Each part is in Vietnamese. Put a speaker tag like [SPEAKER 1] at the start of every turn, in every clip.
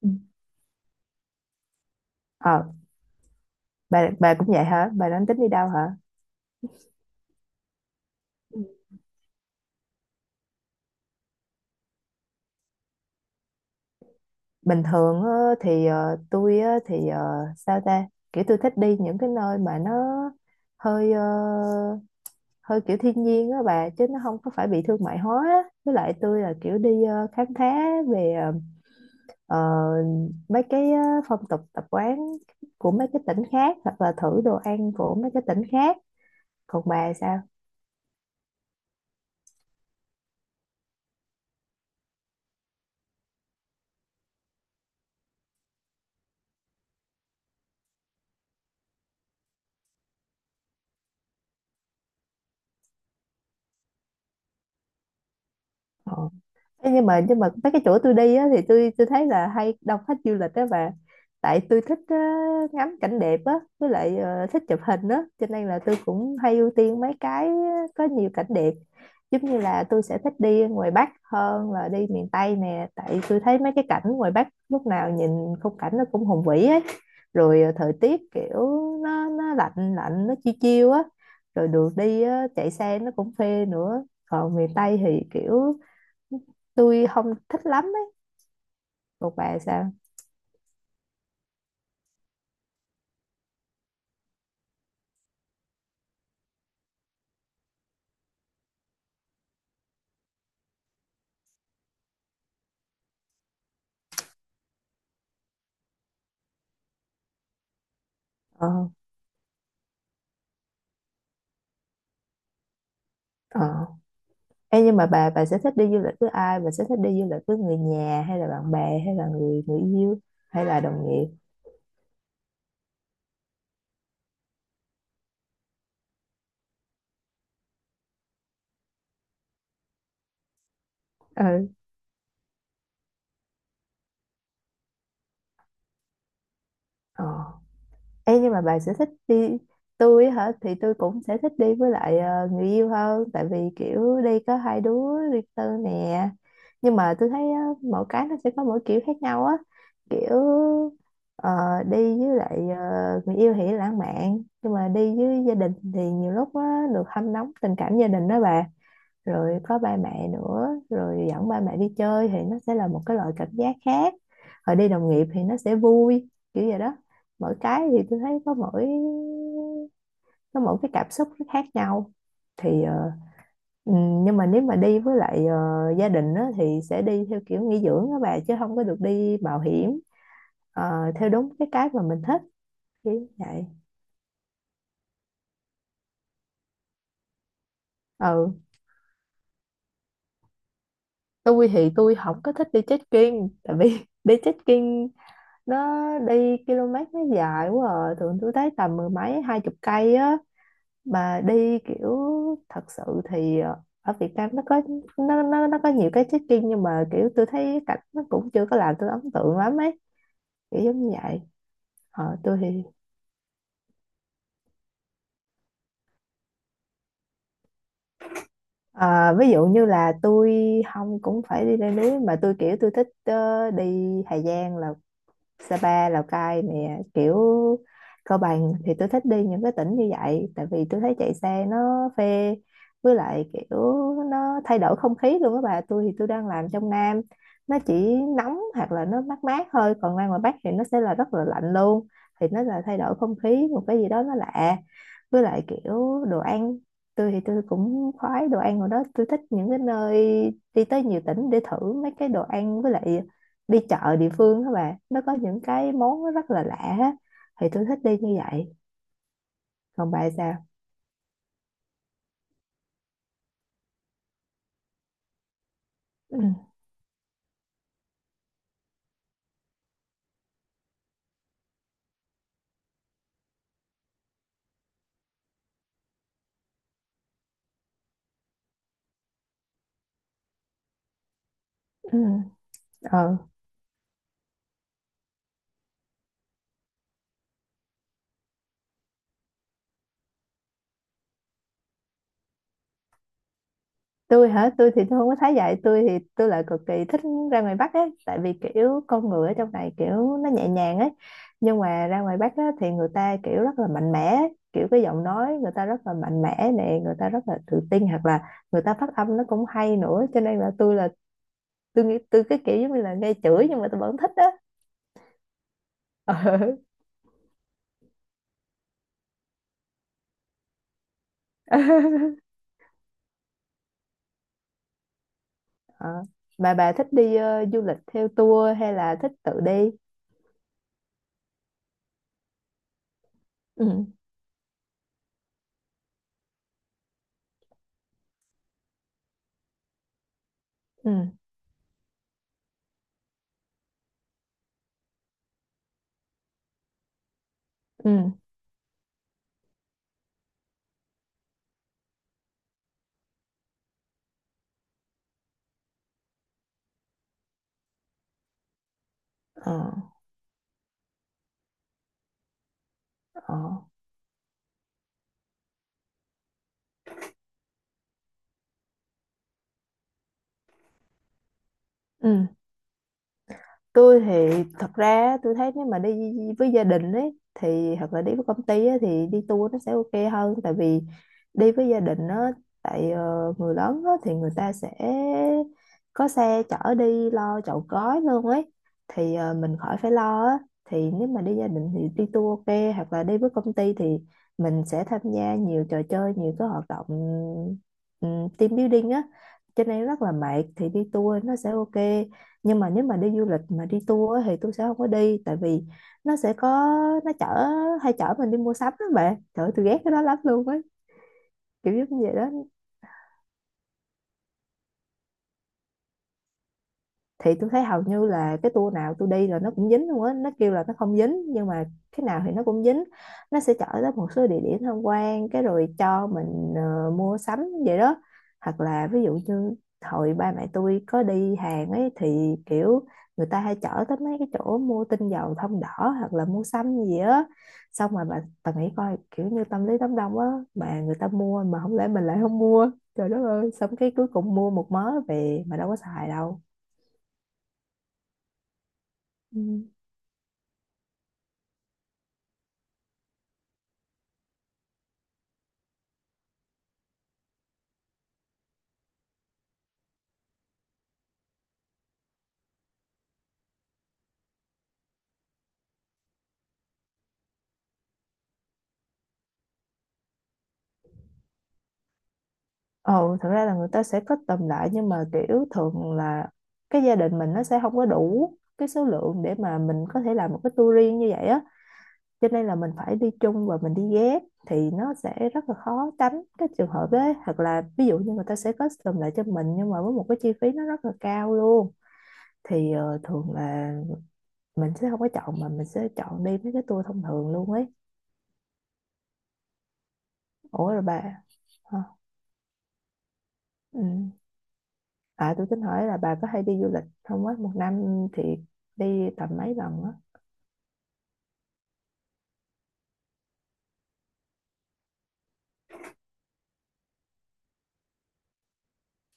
[SPEAKER 1] Ừ. Ờ, bà cũng vậy hả? Bà đang tính đi đâu hả? Ừ. Bình thường á, thì tôi á, thì sao ta? Kiểu tôi thích đi những cái nơi mà nó hơi ờ, hơi kiểu thiên nhiên á bà, chứ nó không có phải bị thương mại hóa á. Với lại tôi là kiểu đi khám phá về ờ, mấy cái phong tục tập quán của mấy cái tỉnh khác, hoặc là thử đồ ăn của mấy cái tỉnh khác. Còn bà sao? Ờ. Ê, nhưng mà mấy cái chỗ tôi đi á, thì tôi thấy là hay đông khách du lịch đó bà, tại tôi thích ngắm cảnh đẹp á, với lại thích chụp hình á, cho nên là tôi cũng hay ưu tiên mấy cái có nhiều cảnh đẹp, giống như là tôi sẽ thích đi ngoài Bắc hơn là đi miền Tây nè, tại tôi thấy mấy cái cảnh ngoài Bắc lúc nào nhìn khung cảnh nó cũng hùng vĩ ấy, rồi thời tiết kiểu nó lạnh lạnh, nó chiêu chiêu á, rồi đường đi á, chạy xe nó cũng phê nữa, còn miền Tây thì kiểu tôi không thích lắm ấy. Còn bà sao? Ờ. Ờ. Ê, nhưng mà bà sẽ thích đi du lịch với ai, bà sẽ thích đi du lịch với người nhà hay là bạn bè hay là người người yêu hay là đồng nghiệp? Ừ. Ờ. Ê, nhưng mà bà sẽ thích đi. Tôi á hả, thì tôi cũng sẽ thích đi với lại người yêu hơn, tại vì kiểu đi có hai đứa riêng tư nè, nhưng mà tôi thấy á, mỗi cái nó sẽ có mỗi kiểu khác nhau á, kiểu ờ, đi với lại người yêu thì lãng mạn, nhưng mà đi với gia đình thì nhiều lúc á, được hâm nóng tình cảm gia đình đó bà, rồi có ba mẹ nữa, rồi dẫn ba mẹ đi chơi thì nó sẽ là một cái loại cảm giác khác, rồi đi đồng nghiệp thì nó sẽ vui, kiểu vậy đó. Mỗi cái thì tôi thấy có mỗi cái cảm xúc nó khác nhau, thì ừ, nhưng mà nếu mà đi với lại gia đình á, thì sẽ đi theo kiểu nghỉ dưỡng á bà, chứ không có được đi mạo hiểm theo đúng cái mà mình thích, kiểu vậy. Ừ. Tôi thì tôi không có thích đi trekking, tại vì đi trekking nó đi km nó dài quá à. Thường tôi thấy tầm mười mấy hai chục cây á, mà đi kiểu thật sự, thì ở Việt Nam nó có, nhiều cái trekking, nhưng mà kiểu tôi thấy cảnh nó cũng chưa có làm tôi ấn tượng lắm ấy, kiểu giống như vậy. Tôi thì ờ, ví dụ như là tôi không cũng phải đi leo núi, mà tôi kiểu tôi thích đi Hà Giang, là Sapa, Lào Cai nè, kiểu Cao Bằng, thì tôi thích đi những cái tỉnh như vậy, tại vì tôi thấy chạy xe nó phê, với lại kiểu nó thay đổi không khí luôn các bà. Tôi thì tôi đang làm trong Nam, nó chỉ nóng hoặc là nó mát mát thôi, còn ra ngoài Bắc thì nó sẽ là rất là lạnh luôn, thì nó là thay đổi không khí, một cái gì đó nó lạ, với lại kiểu đồ ăn. Tôi thì tôi cũng khoái đồ ăn của đó, tôi thích những cái nơi đi tới nhiều tỉnh để thử mấy cái đồ ăn, với lại đi chợ địa phương các bạn nó có những cái món nó rất là lạ á, thì tôi thích đi như vậy. Còn bà sao? Ừ. Ừ. Ờ. Tôi hả? Tôi thì tôi không có thấy vậy, tôi thì tôi lại cực kỳ thích ra ngoài Bắc ấy, tại vì kiểu con người ở trong này kiểu nó nhẹ nhàng ấy, nhưng mà ra ngoài Bắc á, thì người ta kiểu rất là mạnh mẽ ấy. Kiểu cái giọng nói người ta rất là mạnh mẽ nè, người ta rất là tự tin, hoặc là người ta phát âm nó cũng hay nữa, cho nên là tôi nghĩ tôi cái kiểu giống như là nghe chửi nhưng mà tôi vẫn thích á. Ờ. Ờ, mà bà thích đi du lịch theo tour hay là thích tự đi? Ừ. Ừ. Ừ. Ờ. Ờ. Ừ. Tôi thì thật ra tôi thấy nếu mà đi với gia đình ấy, thì hoặc là đi với công ty ấy, thì đi tour nó sẽ ok hơn, tại vì đi với gia đình á, tại người lớn á, thì người ta sẽ có xe chở đi, lo chọn gói luôn ấy, thì mình khỏi phải lo á, thì nếu mà đi gia đình thì đi tour ok, hoặc là đi với công ty thì mình sẽ tham gia nhiều trò chơi, nhiều cái hoạt động, team building á, cho nên rất là mệt, thì đi tour nó sẽ ok. Nhưng mà nếu mà đi du lịch mà đi tour á thì tôi sẽ không có đi, tại vì nó sẽ có, nó chở hay chở mình đi mua sắm đó bạn, trời ơi, tôi ghét cái đó lắm luôn á, kiểu giống như vậy đó. Thì tôi thấy hầu như là cái tour nào tôi đi là nó cũng dính luôn á, nó kêu là nó không dính nhưng mà cái nào thì nó cũng dính. Nó sẽ chở tới một số địa điểm tham quan, cái rồi cho mình mua sắm, vậy đó. Hoặc là ví dụ như hồi ba mẹ tôi có đi Hàn ấy, thì kiểu người ta hay chở tới mấy cái chỗ mua tinh dầu thông đỏ, hoặc là mua sắm gì á, xong rồi bà, nghĩ coi kiểu như tâm lý đám đông á, mà người ta mua mà không lẽ mình lại không mua, trời đất ơi, xong cái cuối cùng mua một mớ về mà đâu có xài đâu. Ừ. Ồ, thật ra là người ta sẽ kết tầm lại, nhưng mà kiểu thường là cái gia đình mình nó sẽ không có đủ cái số lượng để mà mình có thể làm một cái tour riêng như vậy á, cho nên là mình phải đi chung và mình đi ghép thì nó sẽ rất là khó tránh cái trường hợp đấy, hoặc là ví dụ như người ta sẽ kết tầm lại cho mình nhưng mà với một cái chi phí nó rất là cao luôn, thì thường là mình sẽ không có chọn mà mình sẽ chọn đi mấy cái tour thông thường luôn ấy. Ủa rồi bà, hả? Ừ. À, tôi tính hỏi là bà có hay đi du lịch không á? Một năm thì đi tầm mấy lần á?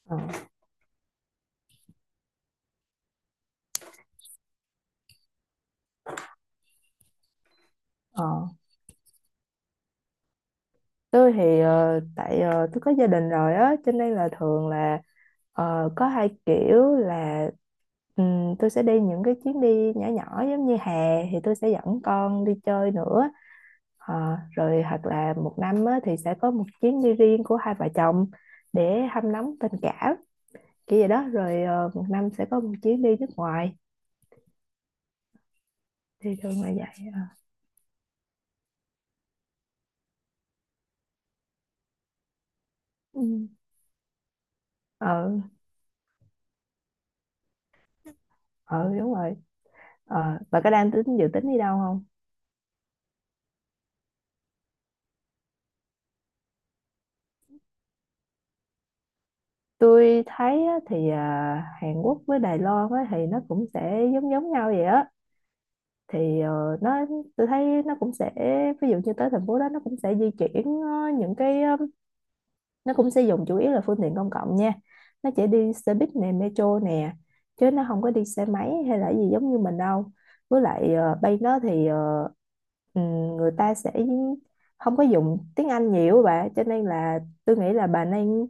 [SPEAKER 1] Ờ. Ờ. Tôi thì tại tôi có gia đình rồi á, cho nên là thường là có hai kiểu là, tôi sẽ đi những cái chuyến đi nhỏ nhỏ, giống như hè thì tôi sẽ dẫn con đi chơi nữa. Ờ, rồi hoặc là một năm á, thì sẽ có một chuyến đi riêng của hai vợ chồng để hâm nóng tình cảm, kiểu vậy đó. Rồi một năm sẽ có một chuyến đi nước ngoài, thì thường là vậy. Ờ. Ừ. Ờ. Ờ, đúng rồi. Bà có đang dự tính đi đâu không? Tôi thấy á, thì à, Hàn Quốc với Đài Loan á, thì nó cũng sẽ giống giống nhau vậy á, thì ờ, nó tôi thấy nó cũng sẽ, ví dụ như tới thành phố đó nó cũng sẽ di chuyển những cái nó cũng sử dụng chủ yếu là phương tiện công cộng nha, nó chỉ đi xe buýt nè, metro nè, chứ nó không có đi xe máy hay là gì giống như mình đâu, với lại bay nó thì người ta sẽ không có dùng tiếng Anh nhiều bà, cho nên là tôi nghĩ là bà nên,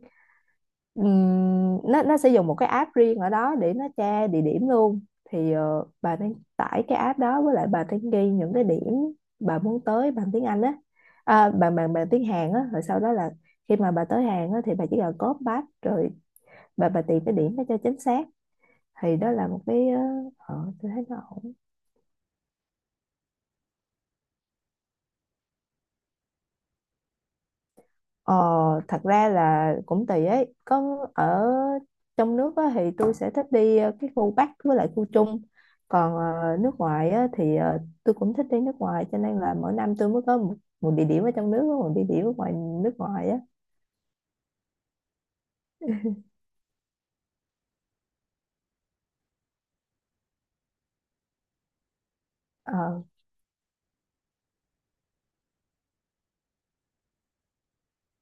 [SPEAKER 1] Ừm, nó sẽ dùng một cái app riêng ở đó để nó tra địa điểm luôn, thì bà nên tải cái app đó, với lại bà nên ghi những cái điểm bà muốn tới bằng tiếng Anh á, à, bằng bằng bằng tiếng Hàn á, rồi sau đó là khi mà bà tới Hàn á thì bà chỉ cần copy paste, rồi bà tìm cái điểm đó cho chính xác, thì đó là một cái, tôi thấy nó ổn. Ờ, thật ra là cũng tùy ấy, có ở trong nước á, thì tôi sẽ thích đi cái khu Bắc với lại khu Trung, còn nước ngoài á, thì tôi cũng thích đi nước ngoài, cho nên là mỗi năm tôi mới có một địa điểm ở trong nước với một địa điểm ở ngoài nước ngoài á. Ờ.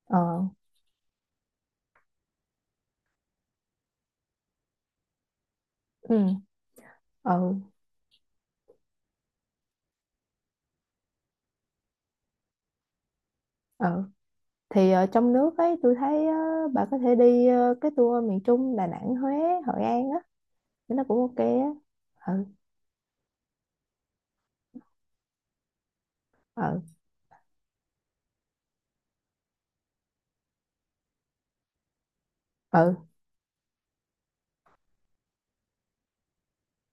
[SPEAKER 1] Ờ. Ừ. Ờ. Ờ. Thì ở trong nước ấy, tôi thấy bà có thể đi cái tour miền Trung, Đà Nẵng, Huế, Hội An á, nó cũng ok á. Ừ. Ừ. Ừ.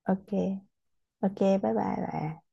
[SPEAKER 1] Ok. Ok, bye bye bà.